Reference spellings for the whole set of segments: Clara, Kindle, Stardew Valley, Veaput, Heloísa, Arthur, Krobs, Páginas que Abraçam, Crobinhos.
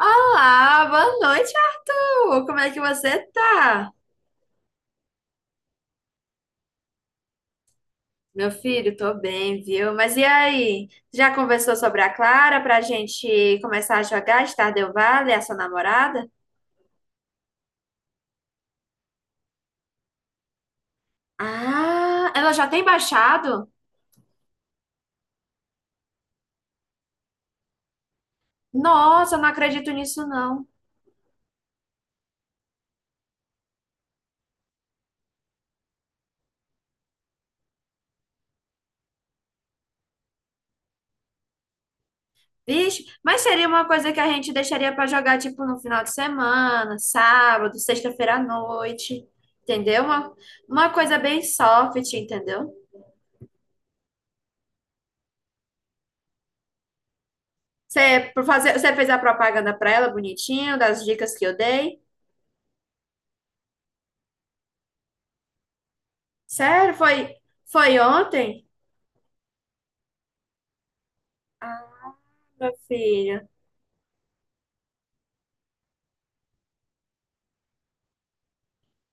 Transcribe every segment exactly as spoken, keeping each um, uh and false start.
Olá, boa noite, Arthur! Como é que você tá? Meu filho, tô bem, viu? Mas e aí? Já conversou sobre a Clara pra gente começar a jogar Stardew Valley, a sua namorada? Ah, ela já tem baixado? Nossa, eu não acredito nisso, não. Vixe, mas seria uma coisa que a gente deixaria pra jogar, tipo, no final de semana, sábado, sexta-feira à noite, entendeu? Uma, uma coisa bem soft, entendeu? Você, por fazer, você fez a propaganda pra ela bonitinho, das dicas que eu dei? Sério? Foi, foi ontem? Ah, meu filho.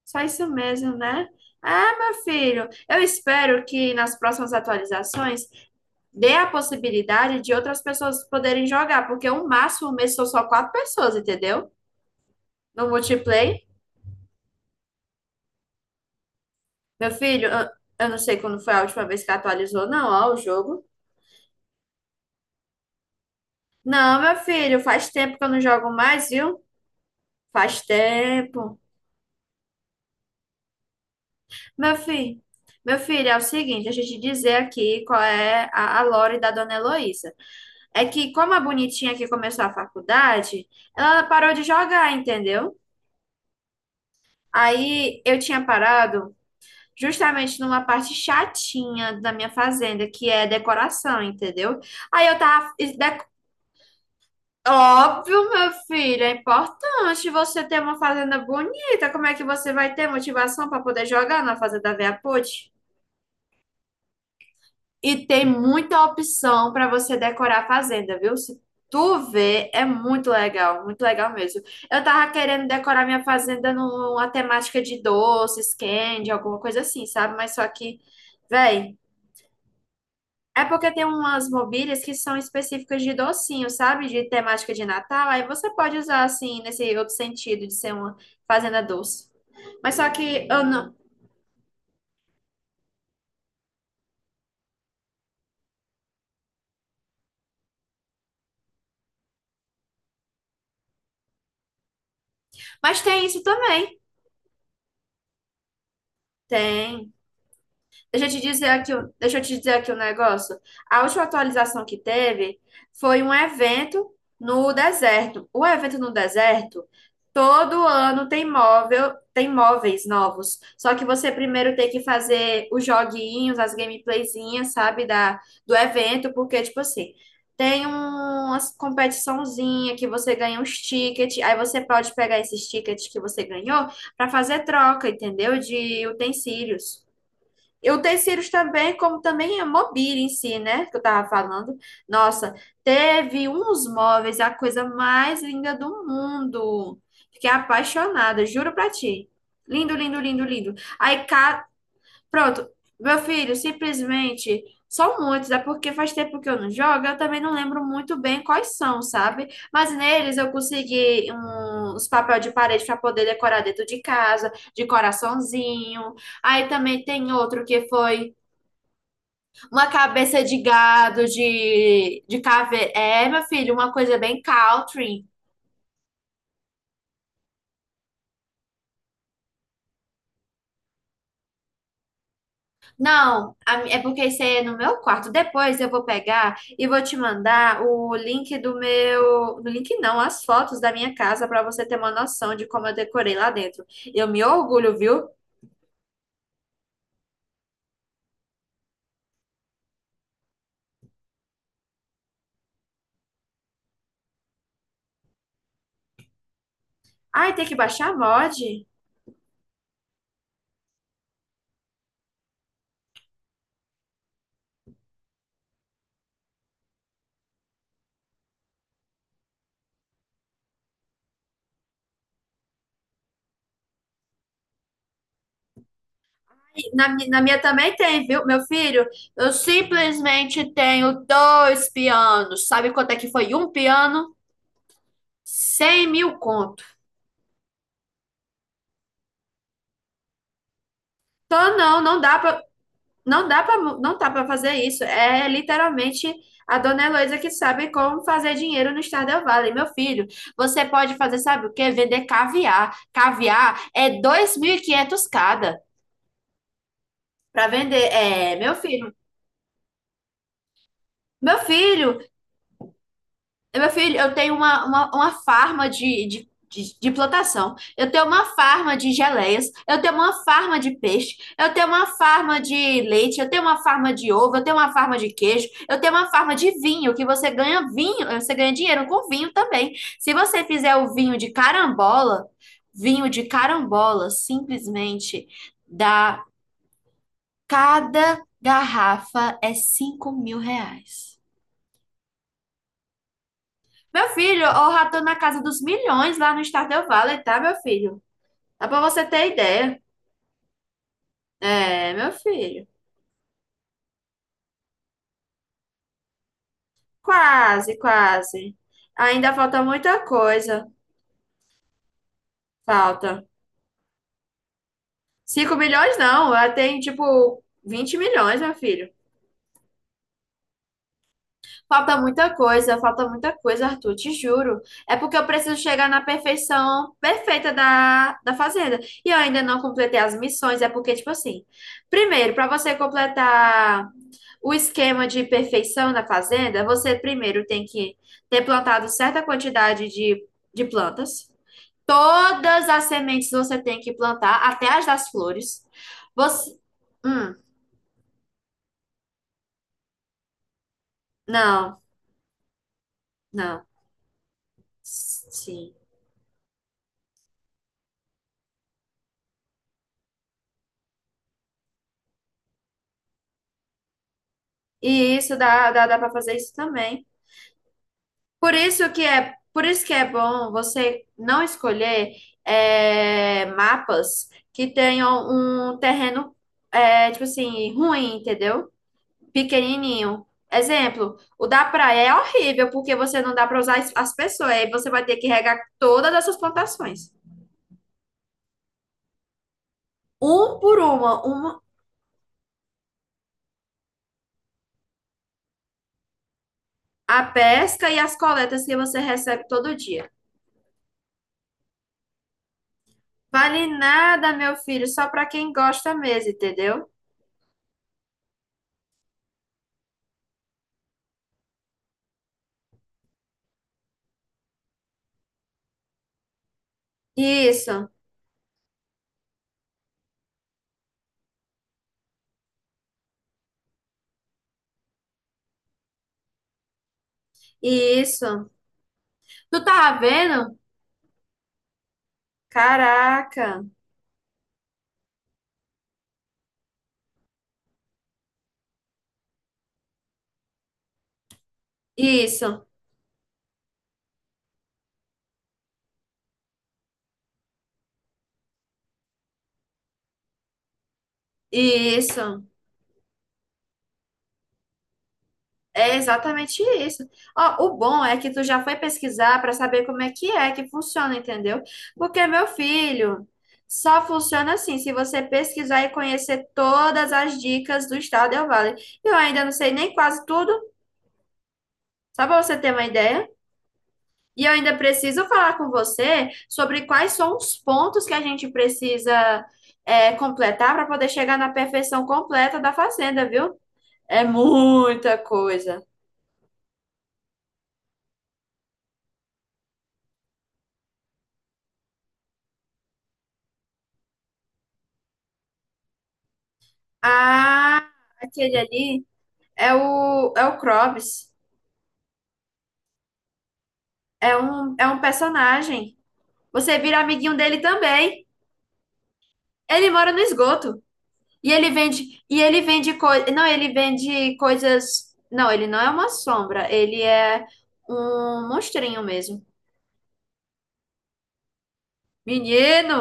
Só isso mesmo, né? Ah, meu filho. Eu espero que nas próximas atualizações dê a possibilidade de outras pessoas poderem jogar, porque o máximo mesmo são só quatro pessoas, entendeu? No multiplayer. Meu filho, eu, eu não sei quando foi a última vez que atualizou, não, ó, o jogo. Não, meu filho, faz tempo que eu não jogo mais, viu? Faz tempo. Meu filho, meu filho, é o seguinte, deixa eu te dizer aqui qual é a, a lore da dona Heloísa. É que como a bonitinha que começou a faculdade, ela parou de jogar, entendeu? Aí eu tinha parado justamente numa parte chatinha da minha fazenda, que é decoração, entendeu? Aí eu tava... e de- Óbvio, meu filho, é importante você ter uma fazenda bonita. Como é que você vai ter motivação para poder jogar na fazenda Veaput? E tem muita opção para você decorar a fazenda, viu? Se tu vê, é muito legal, muito legal mesmo. Eu tava querendo decorar minha fazenda numa temática de doces, candy, alguma coisa assim, sabe? Mas só que, véi, é porque tem umas mobílias que são específicas de docinho, sabe? De temática de Natal. Aí você pode usar assim, nesse outro sentido de ser uma fazenda doce. Mas só que eu não. Mas tem isso também. Tem. Deixa eu te dizer aqui, um- deixa eu te dizer aqui um negócio. A última atualização que teve foi um evento no deserto. O evento no deserto, todo ano tem móvel, tem móveis novos. Só que você primeiro tem que fazer os joguinhos, as gameplayzinhas, sabe, da, do evento, porque, tipo assim, tem uma competiçãozinha que você ganha uns tickets, aí você pode pegar esses tickets que você ganhou para fazer troca, entendeu? De utensílios. E o Terceiros também, como também a mobília em si, né? Que eu tava falando. Nossa, teve uns móveis, a coisa mais linda do mundo. Fiquei apaixonada, juro pra ti. Lindo, lindo, lindo, lindo. Aí Pronto, meu filho, simplesmente são muitos, é porque faz tempo que eu não jogo, eu também não lembro muito bem quais são, sabe? Mas neles eu consegui um, uns papéis de parede para poder decorar dentro de casa, de coraçãozinho. Aí também tem outro que foi uma cabeça de gado, de, de caveira. É, meu filho, uma coisa bem country. Não, a mi- é porque isso aí é no meu quarto. Depois eu vou pegar e vou te mandar o link do meu. No link não, as fotos da minha casa para você ter uma noção de como eu decorei lá dentro. Eu me orgulho, viu? Ai, tem que baixar a mod. Ai, Na, mi- na minha também tem, viu, meu filho? Eu simplesmente tenho dois pianos. Sabe quanto é que foi um piano? Cem mil conto. Então, não, não dá para Não dá para não dá para fazer isso. É literalmente a dona Heloísa que sabe como fazer dinheiro no Stardew Valley. Meu filho, você pode fazer, sabe o quê? Vender caviar. Caviar é dois mil e quinhentos cada para vender. É, meu filho. Meu filho, Meu filho, eu tenho uma, uma, uma farma de, de, de, de plantação, eu tenho uma farma de geleias, eu tenho uma farma de peixe, eu tenho uma farma de leite, eu tenho uma farma de ovo, eu tenho uma farma de queijo, eu tenho uma farma de vinho, que você ganha vinho, você ganha dinheiro com vinho também. Se você fizer o vinho de carambola, vinho de carambola, simplesmente dá cada garrafa é cinco mil reais. Meu filho, o rato na casa dos milhões lá no Stardew Valley, tá, meu filho? Dá pra você ter ideia. É, meu filho. Quase, quase. Ainda falta muita coisa. Falta. Cinco milhões não, ela tem tipo vinte milhões, meu filho. Falta muita coisa, falta muita coisa, Arthur, te juro. É porque eu preciso chegar na perfeição perfeita da, da fazenda. E eu ainda não completei as missões, é porque, tipo assim, primeiro, pra você completar. O esquema de perfeição na fazenda, você primeiro tem que ter plantado certa quantidade de, de plantas. Todas as sementes você tem que plantar, até as das flores. Você. Hum, não, não. Sim. E isso dá, dá, dá para fazer isso também. Por isso que é, por isso que é bom você não escolher é, mapas que tenham um terreno, é, tipo assim, ruim, entendeu? Pequenininho. Exemplo, o da praia é horrível porque você não dá para usar as as pessoas, aí você vai ter que regar todas essas plantações, um por uma, uma a pesca e as coletas que você recebe todo dia. Vale nada, meu filho, só para quem gosta mesmo, entendeu? Isso, isso. Tu tá vendo? Caraca, isso, isso. É exatamente isso. Ó, o bom é que tu já foi pesquisar para saber como é que é que funciona, entendeu? Porque, meu filho, só funciona assim se você pesquisar e conhecer todas as dicas do Estado Del Vale. Eu ainda não sei nem quase tudo, só para você ter uma ideia. E eu ainda preciso falar com você sobre quais são os pontos que a gente precisa é, completar para poder chegar na perfeição completa da fazenda, viu? É muita coisa. Ah, aquele ali. É o, é o Krobs. É um, é um personagem. Você vira amiguinho dele também. Ele mora no esgoto. E ele vende, e ele vende coisas. Não, ele vende coisas. Não, ele não é uma sombra. Ele é um monstrinho mesmo. Menino!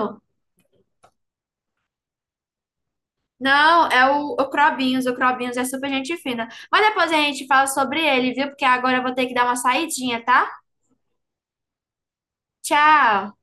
Não, é o, o Crobinhos. O Crobinhos é super gente fina. Mas depois a gente fala sobre ele, viu? Porque agora eu vou ter que dar uma saidinha, tá? Tchau!